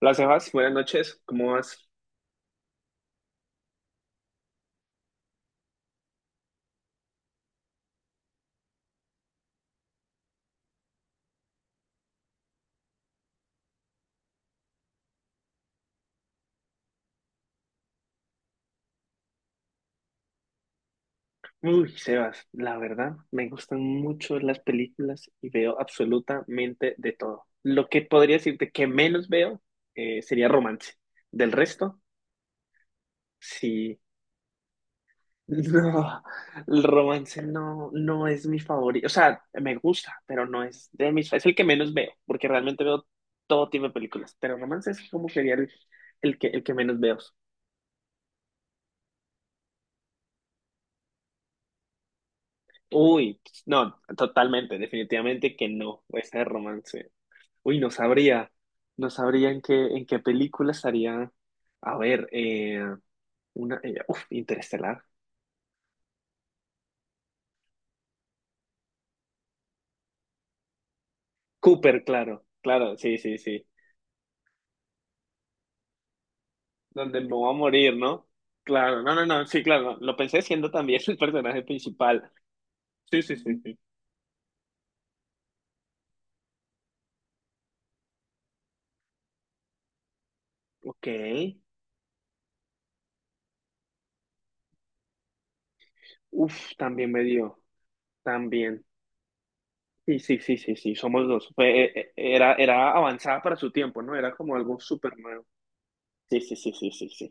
Hola Sebas, buenas noches, ¿cómo vas? Uy, Sebas, la verdad, me gustan mucho las películas y veo absolutamente de todo. Lo que podría decirte que menos veo sería romance. Del resto, sí. No, el romance no es mi favorito. O sea, me gusta, pero no es de mis... Es el que menos veo, porque realmente veo todo tipo de películas, pero romance es como sería el que menos veo. Uy, no, totalmente, definitivamente que no, ese romance. Uy, no sabría en qué película estaría. A ver, una, Interestelar. Cooper, claro, claro, sí, sí, sí. Donde me voy a morir, ¿no? Claro, no, no, no, sí, claro, lo pensé siendo también el personaje principal. Sí, sí, sí, sí. Ok. Uf, también me dio, también. Sí, sí, sí, sí, sí, somos dos. Fue, era avanzada para su tiempo, ¿no? Era como algo súper nuevo. Sí, sí, sí, sí, sí, sí.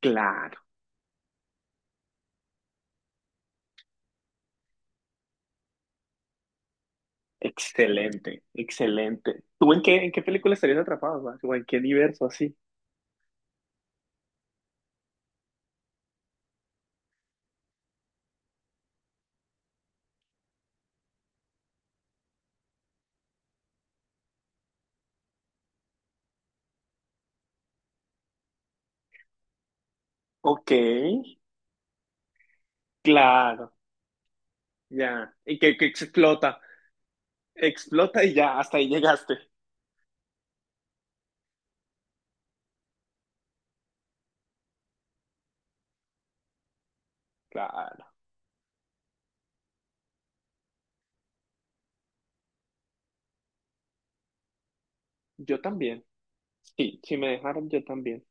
Claro. Excelente, excelente. ¿Tú en qué película estarías atrapado, Max? ¿O en qué universo así? Ok, claro, ya. Y que explota, explota y ya, hasta ahí llegaste. Claro, yo también. Sí, si me dejaron, yo también.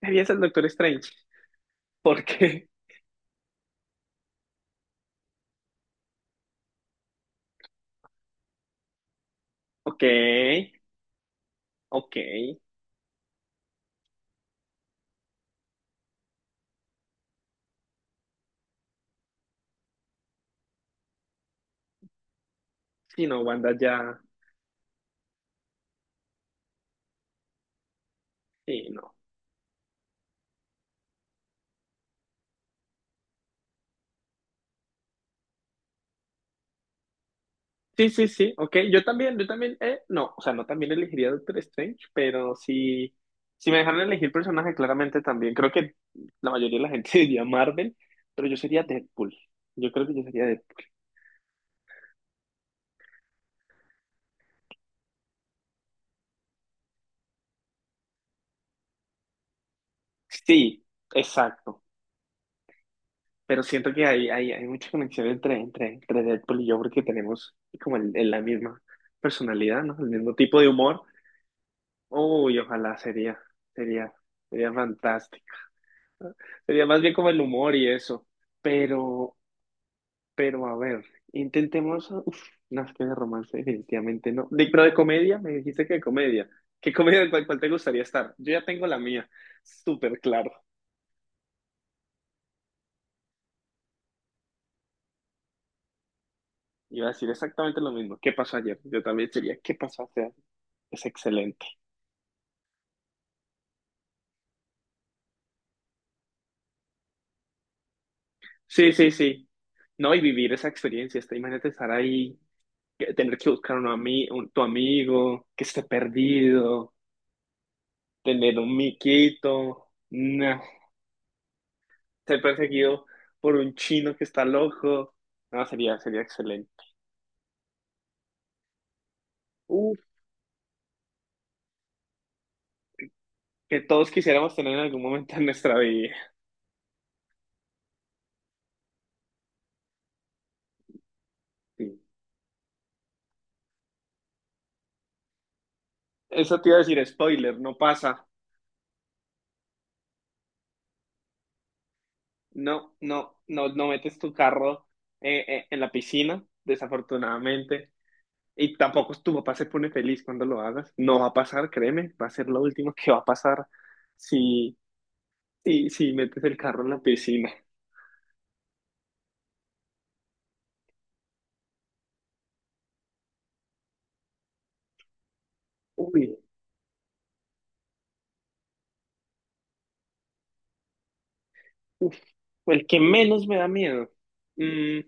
Debía el Doctor Strange. ¿Por qué? Ok, ok. Si no, Wanda ya. Sí, no. Sí, sí, sí, ok. Yo también, no, o sea, no también elegiría Doctor Strange, pero si, si me dejaran elegir personaje, claramente también. Creo que la mayoría de la gente diría Marvel, pero yo sería Deadpool. Yo creo que yo sería Deadpool. Sí, exacto. Pero siento que hay mucha conexión entre Deadpool y yo porque tenemos como la misma personalidad, ¿no? El mismo tipo de humor. Uy, sería, sería fantástico. ¿No? Sería más bien como el humor y eso. Pero, Pero a ver, intentemos. Uf, no, es que de romance definitivamente no. De, pero de comedia, me dijiste que de comedia. ¿Qué comedia, cuál te gustaría estar? Yo ya tengo la mía, súper claro. Iba a decir exactamente lo mismo. ¿Qué pasó ayer? Yo también diría, ¿qué pasó ayer? Es excelente. Sí, sí, sí. No, y vivir esa experiencia, esta, imagínate estar ahí, tener que buscar tu amigo que esté perdido, tener un miquito. No. Ser perseguido por un chino que está loco. No, sería, sería excelente. Uf, que todos quisiéramos tener en algún momento en nuestra vida. Sí. Eso te iba a decir, spoiler, no pasa. No, no, no, no metes tu carro en la piscina, desafortunadamente. Y tampoco tu papá se pone feliz cuando lo hagas. No va a pasar, créeme, va a ser lo último que va a pasar si, si, si metes el carro en la piscina. Uy, uf, el que menos me da miedo. Mm,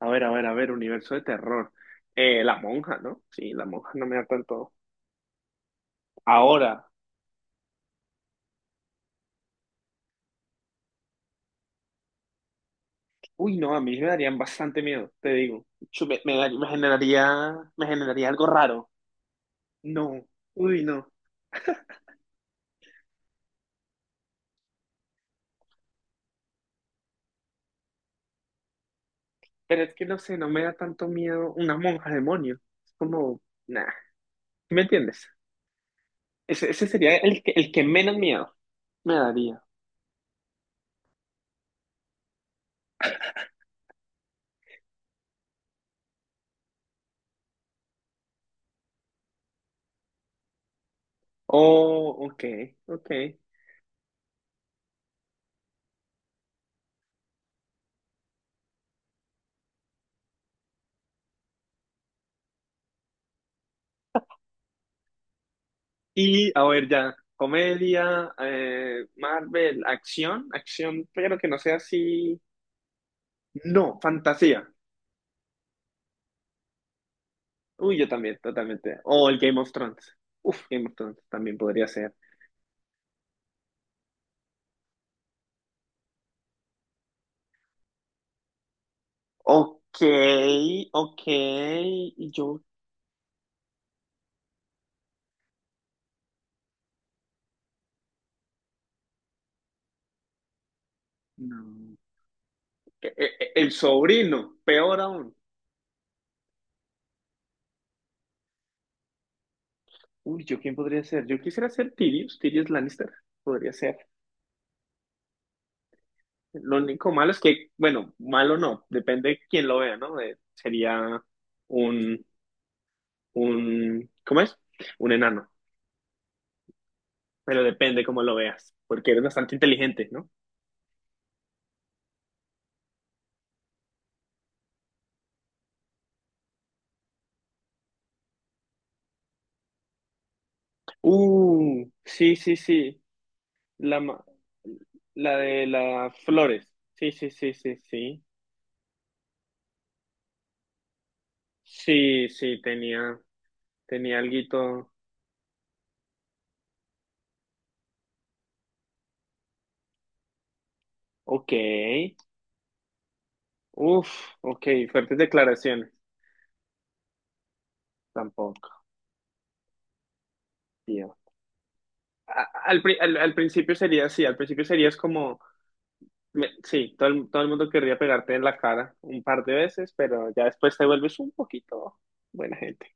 a ver, a ver, a ver, universo de terror. La monja, ¿no? Sí, la monja no me da tanto. Ahora, uy, no, a mí me darían bastante miedo, te digo. Yo me, me generaría algo raro. No, uy, no. Pero es que no sé, no me da tanto miedo una monja demonio. Es como, nah, ¿sí? ¿Me entiendes? Ese sería el que menos miedo me daría. Oh, ok, ok. Y a ver ya, comedia, Marvel, acción, acción, pero que no sea así. No, fantasía. Uy, yo también, totalmente. O el Game of Thrones. Uf, Game of Thrones también podría ser. Ok, ok, y yo... No. El sobrino, peor aún. Uy, ¿yo quién podría ser? Yo quisiera ser Tyrion, Tyrion Lannister, podría ser. Lo único malo es que, bueno, malo no, depende de quién lo vea, ¿no? Sería un, un, ¿cómo es? Un enano, pero depende cómo lo veas, porque eres bastante inteligente, ¿no? Sí, sí, sí, la, la de las flores, sí, sí, sí, sí, sí, sí, sí, tenía, tenía alguito, ok, uf, ok, fuertes declaraciones, tampoco, tío. Al principio sería así, al principio serías como sí, todo todo el mundo querría pegarte en la cara un par de veces, pero ya después te vuelves un poquito buena gente.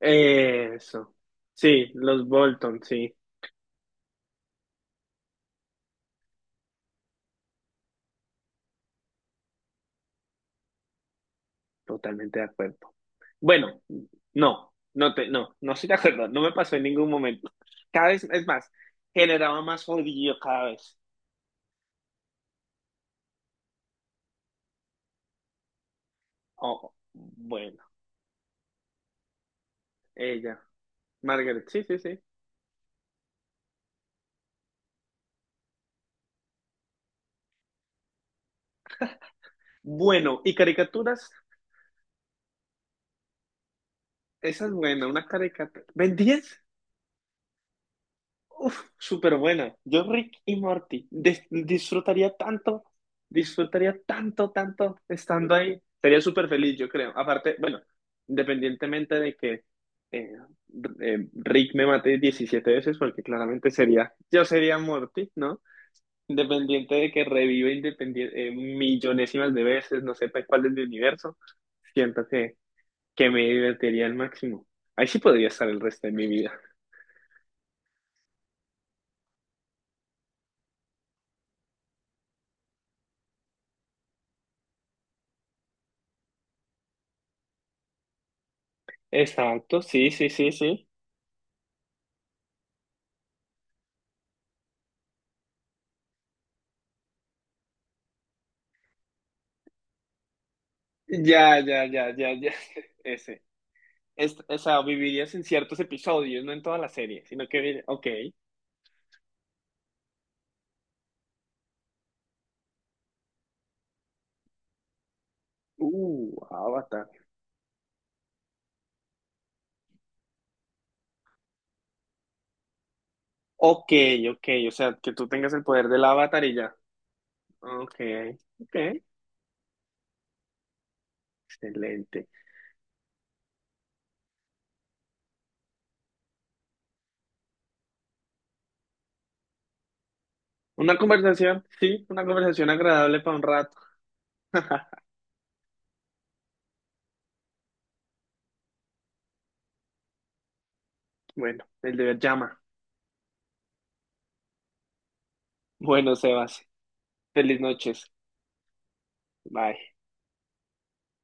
Eso. Sí, los Bolton, sí, totalmente de acuerdo. Bueno, no estoy de acuerdo, no me pasó en ningún momento. Cada vez, es más, generaba más odio cada vez. Oh, bueno, ella, Margaret, sí, sí, sí. Bueno, y caricaturas, esa es buena, una caricatura. ¿Ven 10? Uf, súper buena. Yo, Rick y Morty, disfrutaría tanto, tanto estando ahí. Sería súper feliz, yo creo. Aparte, bueno, independientemente de que eh, Rick me mate 17 veces, porque claramente sería, yo sería Morty, ¿no? Independiente de que revive independiente, millonésimas de veces, no sepa cuál es mi universo, siento que me divertiría al máximo. Ahí sí podría estar el resto de mi vida. Exacto, sí, sí, sí, sí. Ya, ya, ya, ya, ya. Ese. Es, o sea, vivirías en ciertos episodios, no en toda la serie, sino que, ok. Avatar. Ok, ok, o sea, que tú tengas el poder del Avatar y ya. Ok, ok, excelente. Una conversación, sí, una conversación agradable para un rato. Bueno, el deber llama. Bueno, Sebas, feliz noches. Bye.